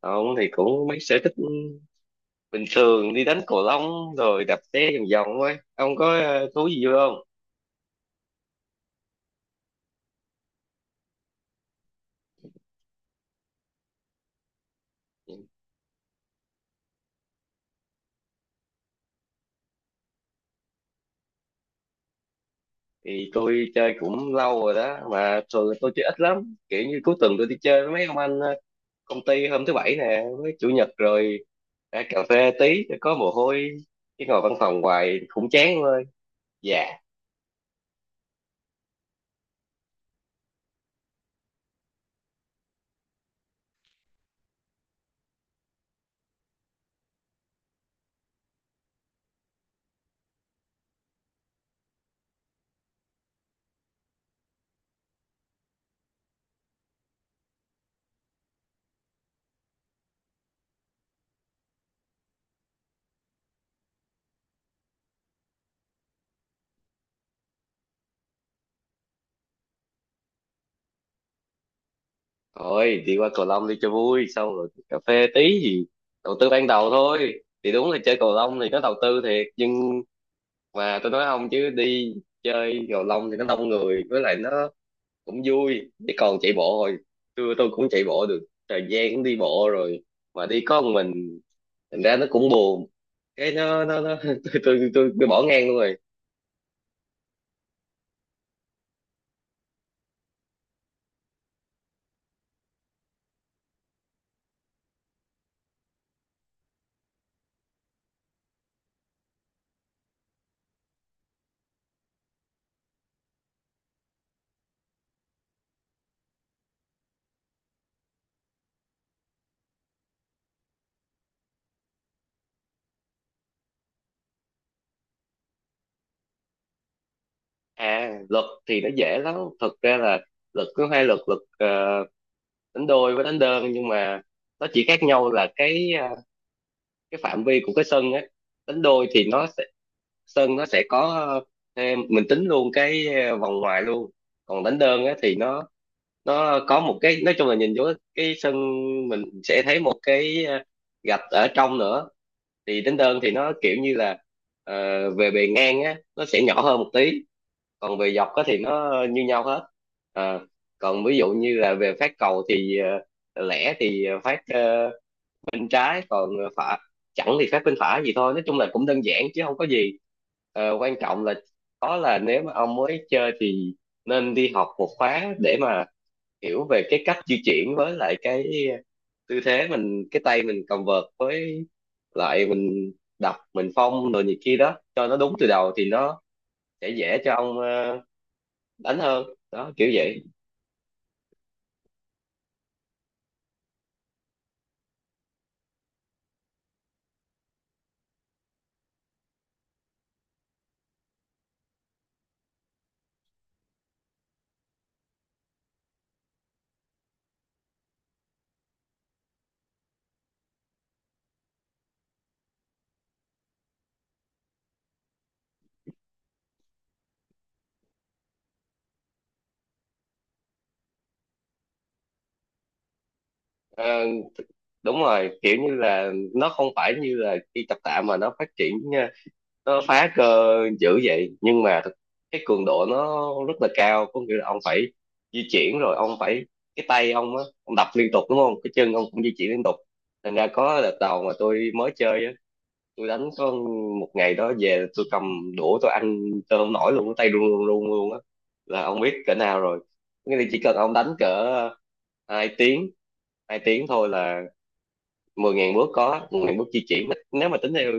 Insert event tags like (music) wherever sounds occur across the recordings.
Ông thì cũng mấy sở thích bình thường, đi đánh cầu lông rồi đạp xe vòng vòng thôi. Ông có thú gì vui không? Thì tôi chơi cũng lâu rồi đó, mà thường tôi chơi ít lắm, kiểu như cuối tuần tôi đi chơi với mấy ông anh công ty, hôm thứ bảy nè với chủ nhật, rồi ra cà phê tí cho có mồ hôi, chứ ngồi văn phòng hoài cũng chán. Thôi, dạ thôi, đi qua cầu lông đi cho vui, xong rồi cà phê tí gì. Đầu tư ban đầu thôi, thì đúng là chơi cầu lông thì nó đầu tư thiệt, nhưng mà tôi nói không, chứ đi chơi cầu lông thì nó đông người, với lại nó cũng vui. Chứ còn chạy bộ rồi, tôi cũng chạy bộ được thời gian, cũng đi bộ rồi, mà đi có một mình, thành ra nó cũng buồn. Cái nó (laughs) tôi bỏ ngang luôn rồi. À, luật thì nó dễ lắm, thật ra là luật có hai luật, đánh đôi với đánh đơn. Nhưng mà nó chỉ khác nhau là cái cái phạm vi của cái sân á. Đánh đôi thì nó sẽ, sân nó sẽ có, ờ, mình tính luôn cái vòng ngoài luôn. Còn đánh đơn á thì nó có một cái, nói chung là nhìn vô cái sân mình sẽ thấy một cái gạch ở trong nữa. Thì đánh đơn thì nó kiểu như là, về bề ngang á nó sẽ nhỏ hơn một tí, còn về dọc á thì nó như nhau hết. Ờ, còn ví dụ như là về phát cầu thì, lẻ thì phát bên trái, còn phải, chẳng thì phép bên phải gì thôi. Nói chung là cũng đơn giản chứ không có gì. Ờ, quan trọng là, đó là nếu mà ông mới chơi thì nên đi học một khóa để mà hiểu về cái cách di chuyển, với lại cái tư thế mình, cái tay mình cầm vợt, với lại mình đập, mình phong rồi này kia đó, cho nó đúng từ đầu thì nó sẽ dễ cho ông đánh hơn đó, kiểu vậy. Ờ, đúng rồi, kiểu như là nó không phải như là đi tập tạ, mà nó phát triển, nó phá cơ dữ vậy, nhưng mà thực, cái cường độ nó rất là cao, có nghĩa là ông phải di chuyển, rồi ông phải, cái tay ông á ông đập liên tục đúng không, cái chân ông cũng di chuyển liên tục. Thành ra có đợt đầu mà tôi mới chơi á, tôi đánh có một ngày đó, về tôi cầm đũa tôi ăn tôi không nổi luôn, cái tay run run run luôn á, là ông biết cỡ nào rồi. Nghĩa là chỉ cần ông đánh cỡ ờ, hai tiếng hai tiếng thôi là 10.000 bước, có 10.000 bước di chuyển, nếu mà tính theo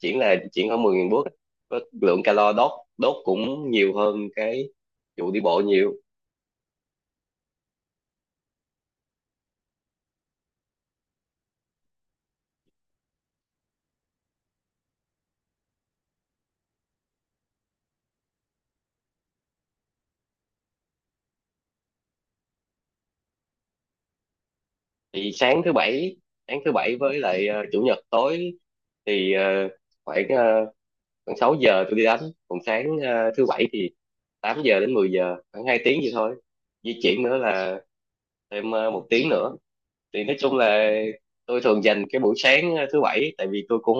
chuyển là chuyển khoảng 10.000 bước á, có lượng calo đốt, đốt cũng nhiều hơn cái vụ đi bộ nhiều. Thì sáng thứ bảy, sáng thứ bảy với lại chủ nhật tối. Thì khoảng khoảng 6 giờ tôi đi đánh. Còn sáng thứ bảy thì 8 giờ đến 10 giờ, khoảng 2 tiếng vậy thôi, di chuyển nữa là thêm một tiếng nữa. Thì nói chung là tôi thường dành cái buổi sáng thứ bảy, tại vì tôi cũng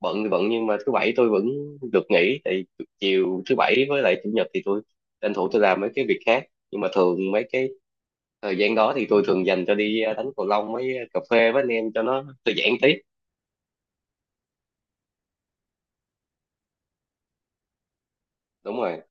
bận thì bận, nhưng mà thứ bảy tôi vẫn được nghỉ. Tại chiều thứ bảy với lại chủ nhật thì tôi tranh thủ tôi làm mấy cái việc khác, nhưng mà thường mấy cái thời gian đó thì tôi thường dành cho đi đánh cầu lông với cà phê với anh em cho nó thư giãn tí. Đúng rồi.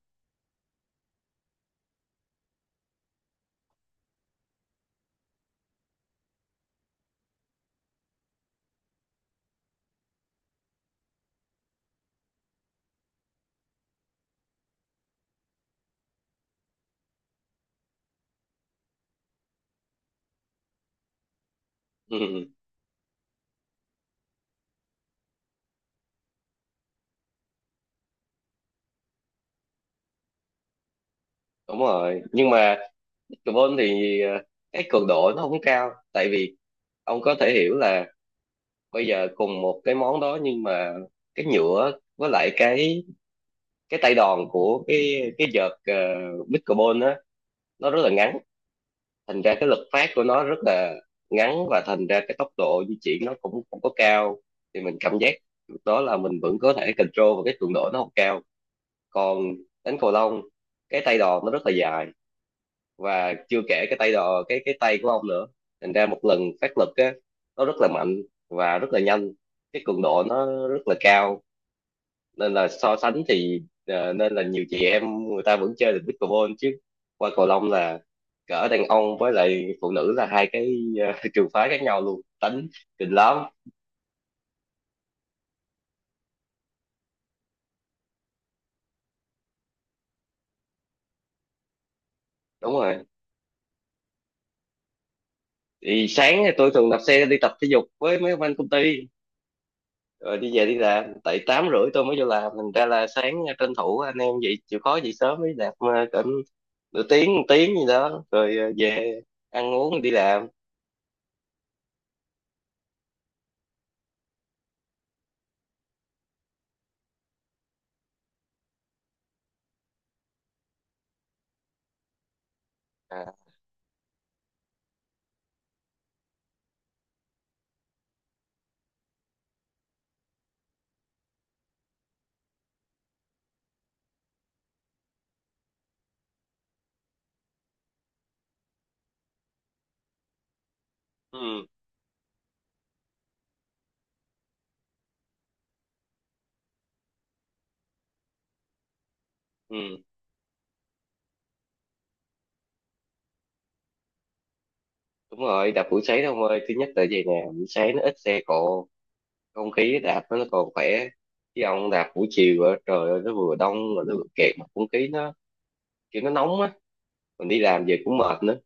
Ừ, ừ, đúng rồi, nhưng mà pickleball thì cái cường độ nó không cao. Tại vì ông có thể hiểu là bây giờ cùng một cái món đó, nhưng mà cái nhựa với lại cái tay đòn của cái vợt pickleball á, nó rất là ngắn. Thành ra cái lực phát của nó rất là ngắn, và thành ra cái tốc độ di chuyển nó cũng không có cao. Thì mình cảm giác đó là mình vẫn có thể control, và cái cường độ nó không cao. Còn đánh cầu lông, cái tay đòn nó rất là dài, và chưa kể cái tay đòn cái tay của ông nữa, thành ra một lần phát lực á nó rất là mạnh, và rất là nhanh, cái cường độ nó rất là cao. Nên là so sánh thì nên là nhiều chị em người ta vẫn chơi được pickleball, chứ qua cầu lông là cỡ đàn ông với lại phụ nữ là hai cái (laughs) trường phái khác nhau luôn, tính kinh lắm. Đúng rồi. Thì sáng thì tôi thường đạp xe đi tập thể dục với mấy ông anh công ty, rồi đi về đi làm, tại tám rưỡi tôi mới vô làm. Thành ra là sáng tranh thủ anh em vậy chịu khó dậy sớm đi đạp cỡ nửa tiếng, một tiếng gì đó, rồi về ăn uống đi làm. À, ừ, ừ. Đúng rồi, đạp buổi sáng ông ơi, thứ nhất là vậy nè, buổi sáng nó ít xe cộ, không khí đạp nó còn khỏe. Chứ ông đạp buổi chiều á, trời ơi nó vừa đông rồi nó vừa kẹt, mà không khí nó kiểu nó nóng á, mình đi làm về cũng mệt nữa,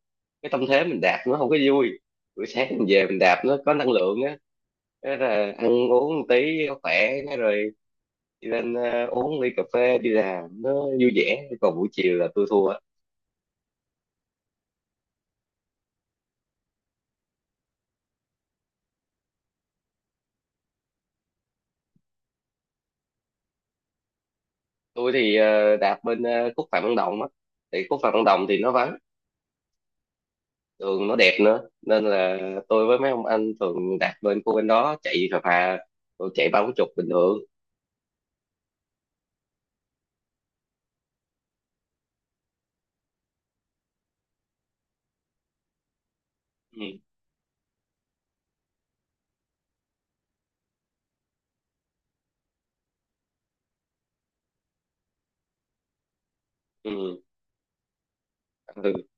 cái tâm thế mình đạp nó không có vui. Buổi sáng mình về mình đạp nó có năng lượng á, thế là ăn uống một tí nó khỏe, thế rồi đi lên uống ly cà phê đi làm nó vui vẻ. Còn buổi chiều là tôi thua á. Tôi thì đạp bên khúc Phạm Văn Đồng á, thì khúc Phạm Văn Đồng thì nó vắng, đường nó đẹp nữa, nên là tôi với mấy ông anh thường đạp lên khu bên đó chạy phà phà, rồi chạy ba bốn chục bình thường. Ừ, ừ, ừ,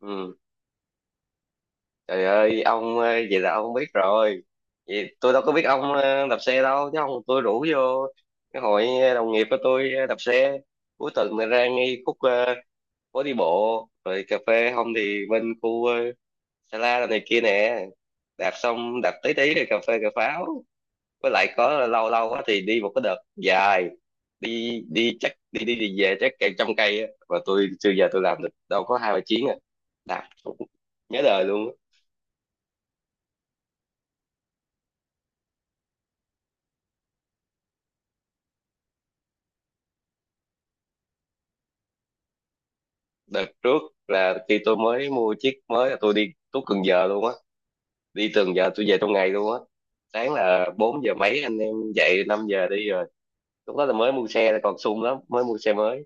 ừ, trời ơi ông, vậy là ông biết rồi. Vậy tôi đâu có biết ông đạp xe đâu, chứ không tôi rủ vô cái hội đồng nghiệp của tôi đạp xe cuối tuần này, ra ngay khúc phố đi bộ rồi cà phê, không thì bên khu Sa La này kia nè, đạp xong đạp tí tí rồi cà phê cà pháo. Với lại có lâu lâu á thì đi một cái đợt dài, đi đi chắc đi đi đi về chắc cả trăm cây á, và tôi chưa giờ tôi làm được đâu, có hai ba chuyến à, làm cũng nhớ đời luôn á. Đợt trước là khi tôi mới mua chiếc mới là tôi đi tuốt Cần Giờ luôn á, đi Cần Giờ tôi về trong ngày luôn á. Sáng là 4 giờ mấy anh em dậy, 5 giờ đi rồi. Lúc đó là mới mua xe là còn sung lắm, mới mua xe mới.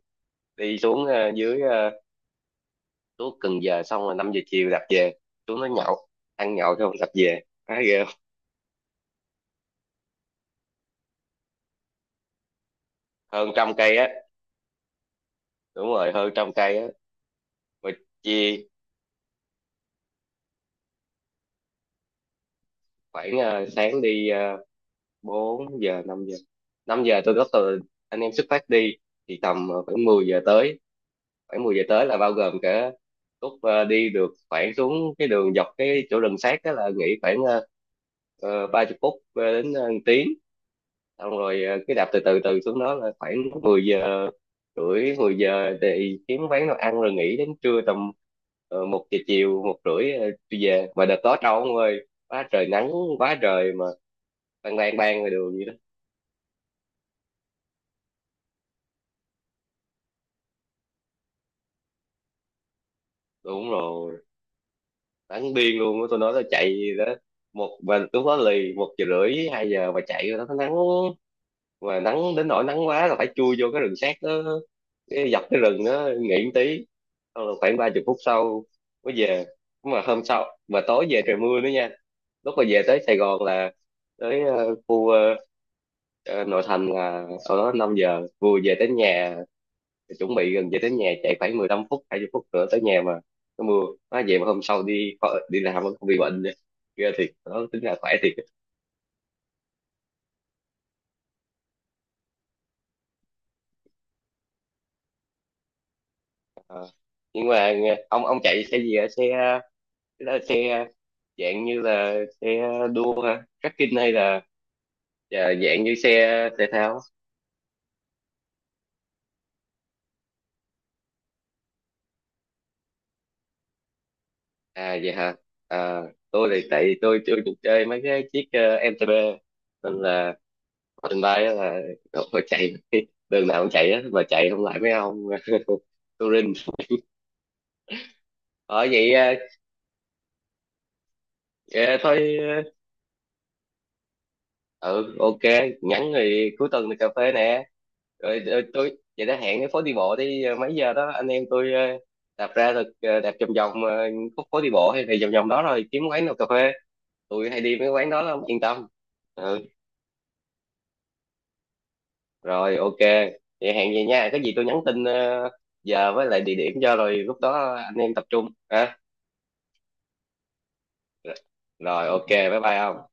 Đi xuống dưới, tuốt Cần Giờ, xong rồi 5 giờ chiều đạp về. Xuống nó nhậu, ăn nhậu xong đạp về, thấy ghê. Hơn trăm cây á, đúng rồi, hơn trăm cây á, mà chia khoảng sáng đi, 4 giờ, năm giờ tôi có từ anh em xuất phát đi, thì tầm khoảng 10 giờ tới. Khoảng 10 giờ tới là bao gồm cả lúc đi được khoảng, xuống cái đường dọc cái chỗ rừng sát đó là nghỉ khoảng 30 phút đến tiếng, xong rồi cứ đạp từ từ từ xuống đó là khoảng 10 giờ rưỡi, 10 giờ thì kiếm quán nào ăn rồi nghỉ đến trưa, tầm một giờ chiều, một rưỡi tôi về. Mà đợt đó trâu ông ơi, quá trời nắng, quá trời, mà ban ban ban ngoài đường vậy đó. Đúng rồi, nắng điên luôn á, tôi nói tôi chạy đó, một và lúc đó lì một giờ rưỡi, hai giờ mà chạy rồi đó, nó nắng, mà nắng đến nỗi nắng quá là phải chui vô cái rừng sát đó, cái dọc cái rừng đó nghỉ một tí, xong là khoảng ba chục phút sau mới về. Mà hôm sau mà tối về trời mưa nữa nha, lúc mà về tới Sài Gòn là tới khu, nội thành là sau đó 5 giờ vừa về tới nhà, chuẩn bị gần về tới nhà chạy khoảng 15 phút, 20 phút nữa tới nhà mà nó mưa. Nó về mà hôm sau đi, đi làm vẫn không bị bệnh, ghê thiệt đó, tính là khỏe thiệt. Ờ. Nhưng mà nghe-, ông chạy xe gì ạ? Xe đó là xe dạng như là xe đua hả, trekking hay là, à, dạng như xe thể thao. À vậy hả. À, tôi thì tại vì tôi chưa được chơi mấy cái chiếc MTB nên là, trên bay á là tôi chạy (laughs) đường nào cũng chạy á, mà chạy không lại mấy ông (laughs) touring ở vậy. Ờ, ờ, thôi. Ừ, ok. Nhắn thì cuối tuần thì cà phê nè, rồi tôi vậy đã hẹn cái phố đi bộ đi mấy giờ đó anh em tôi đạp ra, rồi đạp vòng vòng khúc phố đi bộ hay thì vòng vòng đó, rồi kiếm quán nào cà phê, tôi hay đi mấy quán đó lắm, yên tâm. Ừ, rồi ok, vậy hẹn vậy nha, cái gì tôi nhắn tin giờ với lại địa điểm cho, rồi lúc đó anh em tập trung ha. Rồi ok, bye bye ông.